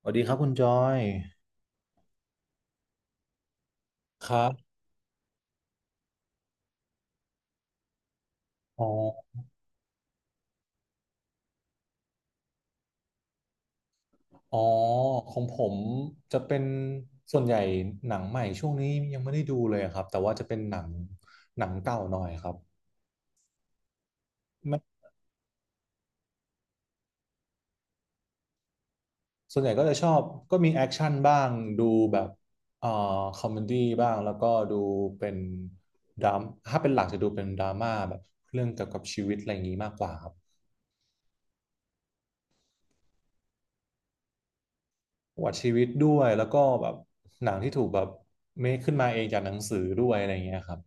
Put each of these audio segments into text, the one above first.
สวัสดีครับคุณจอยครับอ๋ออ๋อของผมจะเป็นส่วนใหญ่หนังใหม่ช่วงนี้ยังไม่ได้ดูเลยครับแต่ว่าจะเป็นหนังเก่าหน่อยครับไม่ส่วนใหญ่ก็จะชอบก็มีแอคชั่นบ้างดูแบบเอ่อคอมเมดี้บ้างแล้วก็ดูเป็นดรามถ้าเป็นหลักจะดูเป็นดราม่าแบบเรื่องเกี่ยวกับชีวิตอะไรอย่างนี้มากกว่าครับประวัติชีวิตด้วยแล้วก็แบบหนังที่ถูกแบบเมคขึ้นมาเองจากหนังสือด้วยอะไรอย่างเงี้ยครับ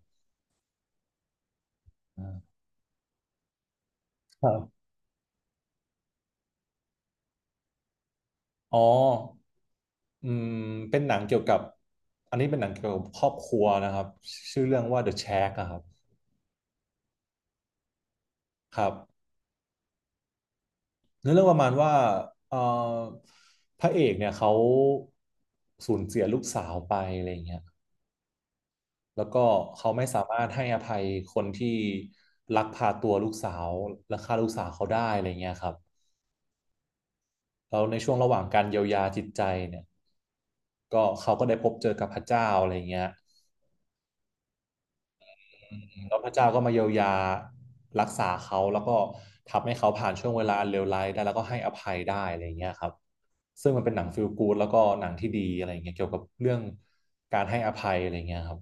อ่าครับ อ๋ออืม เป็นหนังเกี่ยวกับอันนี้เป็นหนังเกี่ยวกับครอบครัวนะครับชื่อเรื่องว่า The Shack อะครับครับเนื้อเรื่องประมาณว่าเอ่อพระเอกเนี่ยเขาสูญเสียลูกสาวไปอะไรอย่างเงี้ยแล้วก็เขาไม่สามารถให้อภัยคนที่ลักพาตัวลูกสาวและฆ่าลูกสาวเขาได้อะไรเงี้ยครับแล้วในช่วงระหว่างการเยียวยาจิตใจเนี่ย ก็เขาก็ได้พบเจอกับพระเจ้าอะไรเงี้ย แล้วพระเจ้าก็มาเยียวยารักษาเขาแล้วก็ทำให้เขาผ่านช่วงเวลาอันเลวร้ายได้แล้วก็ให้อภัยได้อะไรอย่างเงี้ยครับซึ่งมันเป็นหนังฟีลกู๊ดแล้วก็หนังที่ดีอะไรอย่างเงี้ยเกี่ยวกับเรื่องการให้อภัยอะไรอย่างเงี้ยครับ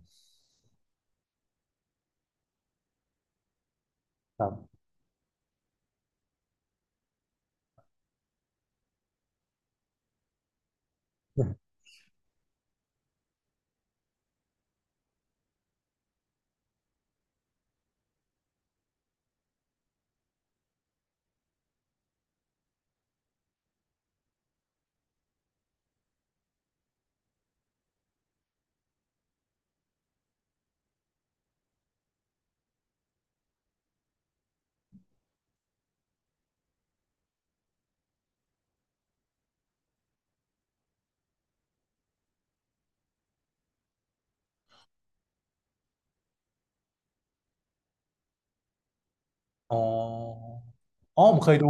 ครับอ๋ออ๋อผมเคยดู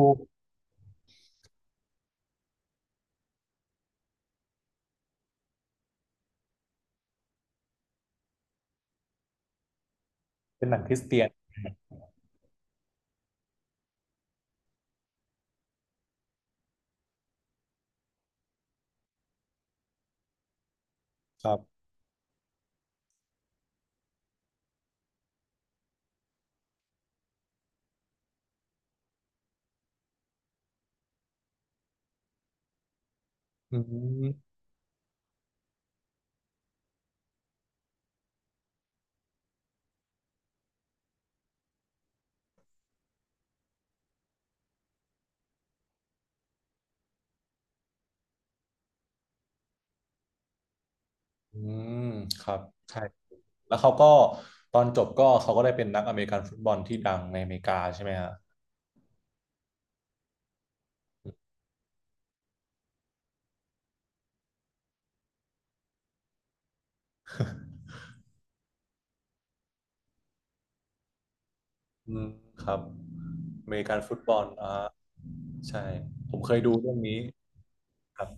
เป็นหนังคริสเตียนครับอืมอืมครับใช่แล้วเขาก็ตอนจบก็เขาก็ได้เป็นนักอเมริกันฟุตบอลที่ดังในอเมริกาใช่ไหมฮะ อืมครับอเมริกันฟุตบอลใช่ผมเคยดูเรื่องนี้ครับ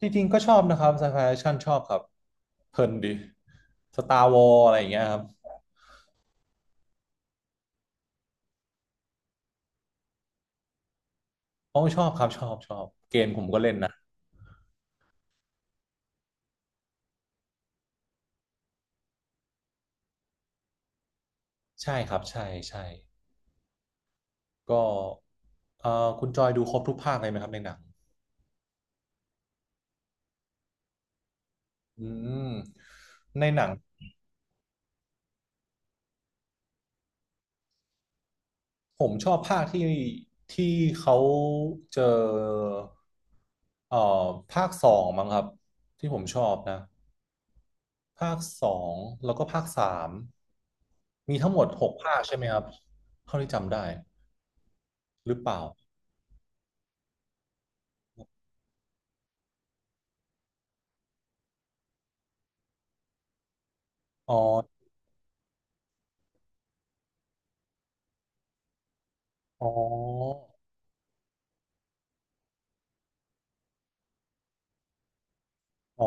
จริงๆก็ชอบนะครับไซไฟแอคชั่นชอบครับเพลินดีสตาร์วอลอะไรอย่างเงี้ยครับโอ้ชอบครับชอบชอบเกมผมก็เล่นนะใช่ครับใช่ใช่ก็คุณจอยดูครบทุกภาคเลยไหมครับในหนังอืมในหนังผมชอบภาคที่เขาเจอเอ่อภาคสองมั้งครับที่ผมชอบนะ ภาคสองแล้วก็ภาคสามมีทั้งหมดหกภาคใช่ไหมครับเท่าที่จำได้หรือเปล่าอ๋ออ๋ออ๋อ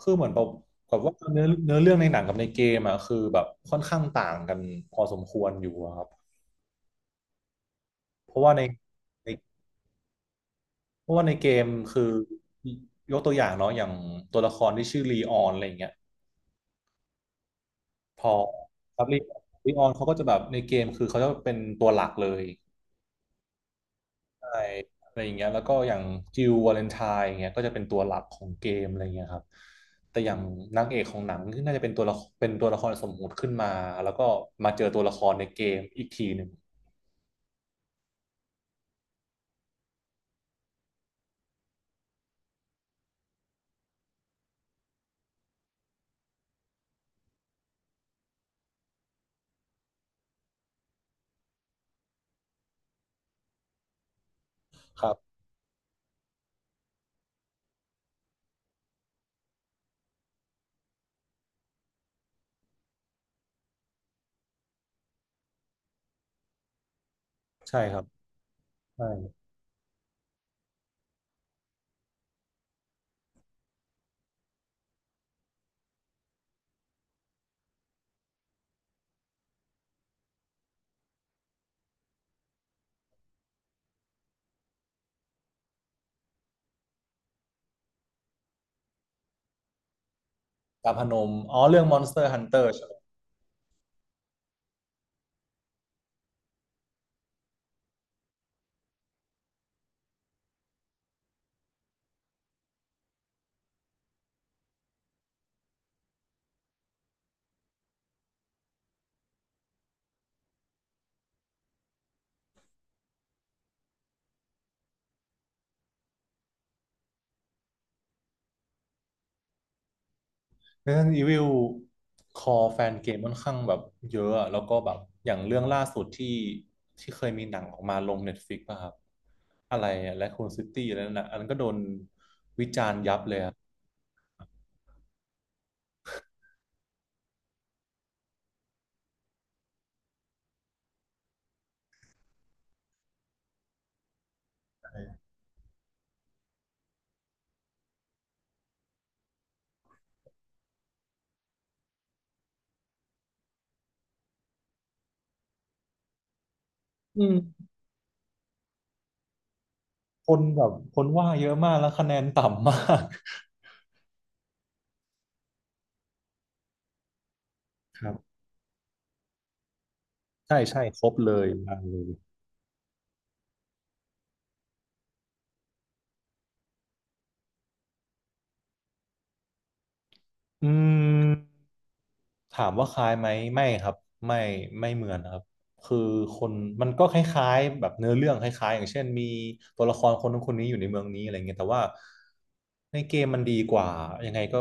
คือเหมือนแบบกับว่าเนื้อเรื่องในหนังกับในเกมอ่ะคือแบบค่อนข้างต่างกันพอสมควรอยู่อะครับเพราะว่าในในเพราะว่าในเกมคือยกตัวอย่างเนาะอย่างตัวละครที่ชื่อลีออนอะไรอย่างเงี้ยพอครับลีออนเขาก็จะแบบในเกมคือเขาจะเป็นตัวหลักเลย ใช่อะไรอย่างเงี้ยแล้วก็อย่างจิลวาเลนไทน์อย่างเงี้ยก็จะเป็นตัวหลักของเกมอะไรเงี้ยครับแต่อย่างนางเอกของหนังที่น่าจะเป็นตัวละครสมมุติขึ้นมาแล้วก็มาเจอตัวละครในเกมอีกทีหนึ่งครับใช่ครับใช่ดาบพนมอ๋อเรื่อง Monster Hunter ใช่ไหม Resident Evil คอแฟนเกมค่อนข้างแบบเยอะอะแล้วก็แบบอย่างเรื่องล่าสุดที่เคยมีหนังออกมาลง Netflix ป่ะครับอะไรและคูนซิตี้อะไรนั่นนะอันนั้นก็โดนวิจารณ์ยับเลยอะ อืมคนแบบคนว่าเยอะมากแล้วคะแนนต่ำมาก ครับใช่ใช่ครบเลยมาเลยอืมถามว่าคล้ายไหมไม่ครับไม่ไม่เหมือนนะครับคือคนมันก็คล้ายๆแบบเนื้อเรื่องคล้ายๆอย่างเช่นมีตัวละครคนนู้นคนนี้อยู่ในเมืองนี้อะไรเงี้ยแต่ว่าในเกมมันดีกว่ายังไงก็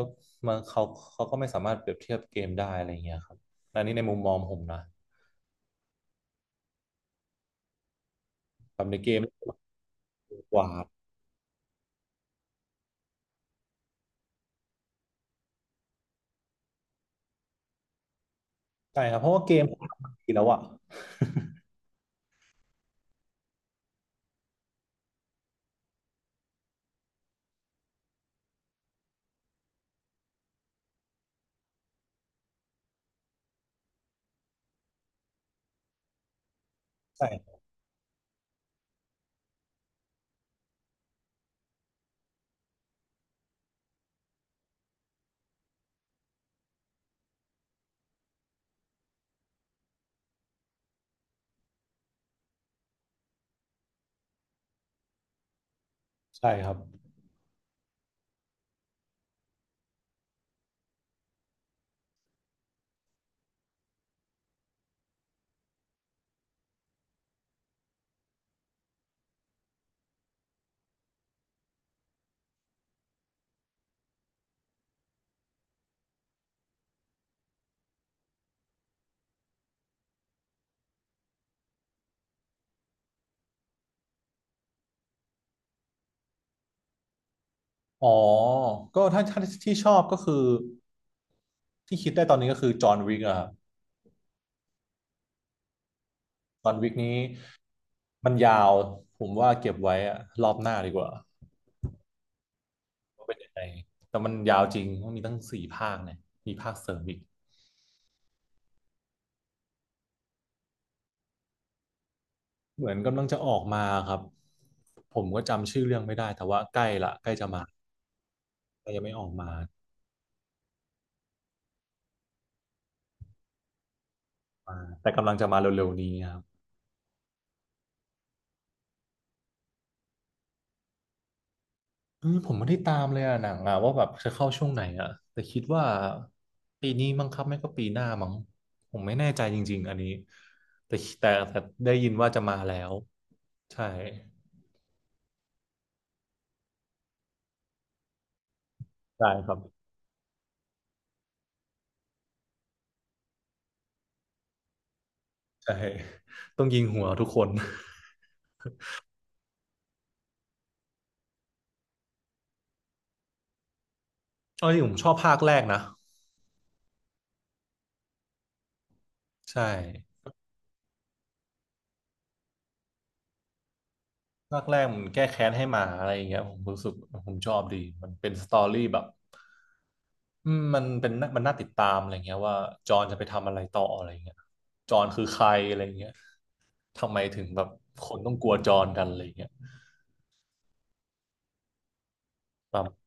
มันเขาก็ไม่สามารถเปรียบเทียบเกมได้อะไรเงี้ยครับอันนี้ในมุมมองผมนะแบบในเกมดีกว่าใช่ครับเพราะว่าเกม เขาทำมาดีแล้วอะ ใช่ ใช่ครับ อ๋อก็ถ้าที่ชอบก็คือที่คิดได้ตอนนี้ก็คือจอห์นวิกอะครับจอห์นวิกนี้มันยาว ผมว่าเก็บไว้อะรอบหน้าดีกว่าว่าเป็นยังไงแต่มันยาวจริงมันมีตั้งสี่ภาคเนี่ยมีภาคเสริมอีกเหมือนกำลังจะออกมาครับ ผมก็จำชื่อเรื่องไม่ได้แต่ว่าใกล้ละใกล้จะมาแต่ยังไม่ออกมามาแต่กำลังจะมาเร็วๆนี้ครับ อืมผมไม่ได้ตามเลยอะหนังอะว่าแบบจะเข้าช่วงไหนอะแต่คิดว่าปีนี้มั้งครับไม่ก็ปีหน้ามั้งผมไม่แน่ใจจริงๆอันนี้แต่ได้ยินว่าจะมาแล้วใช่ได้ครับใช่ต้องยิงหัวทุกคนเอาจริงผมชอบภาคแรกนะใช่ภาคแรกมันแก้แค้นให้หมาอะไรอย่างเงี้ยผมรู้สึกผมชอบดีมันเป็นสตอรี่แบบอืมมันน่าติดตามอะไรเงี้ยว่าจอห์นจะไปทำอะไรต่ออะไรเงี้ยจอห์นคือใครอะไรเงี้ย ทำไมถึงแบบคนต้องกลัวจรกันอะไรอย่างเงี้ยตาม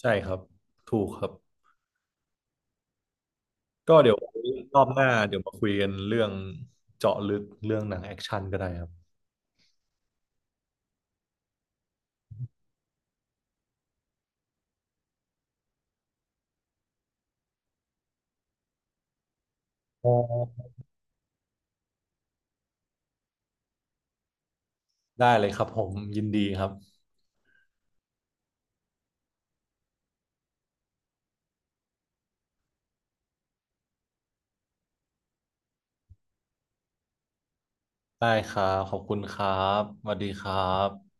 ใช่ครับ ถูกครับ ก็เดี๋ยวรอบหน้าเดี๋ยวมาคุยกันเรื่องเจาะลึกเรื่องหนังแอคชั่นก็ได้ครับอ๋อได้เลยครับผมยินดีครับ ได้ครับขอบคุณครับสวัสดีครับ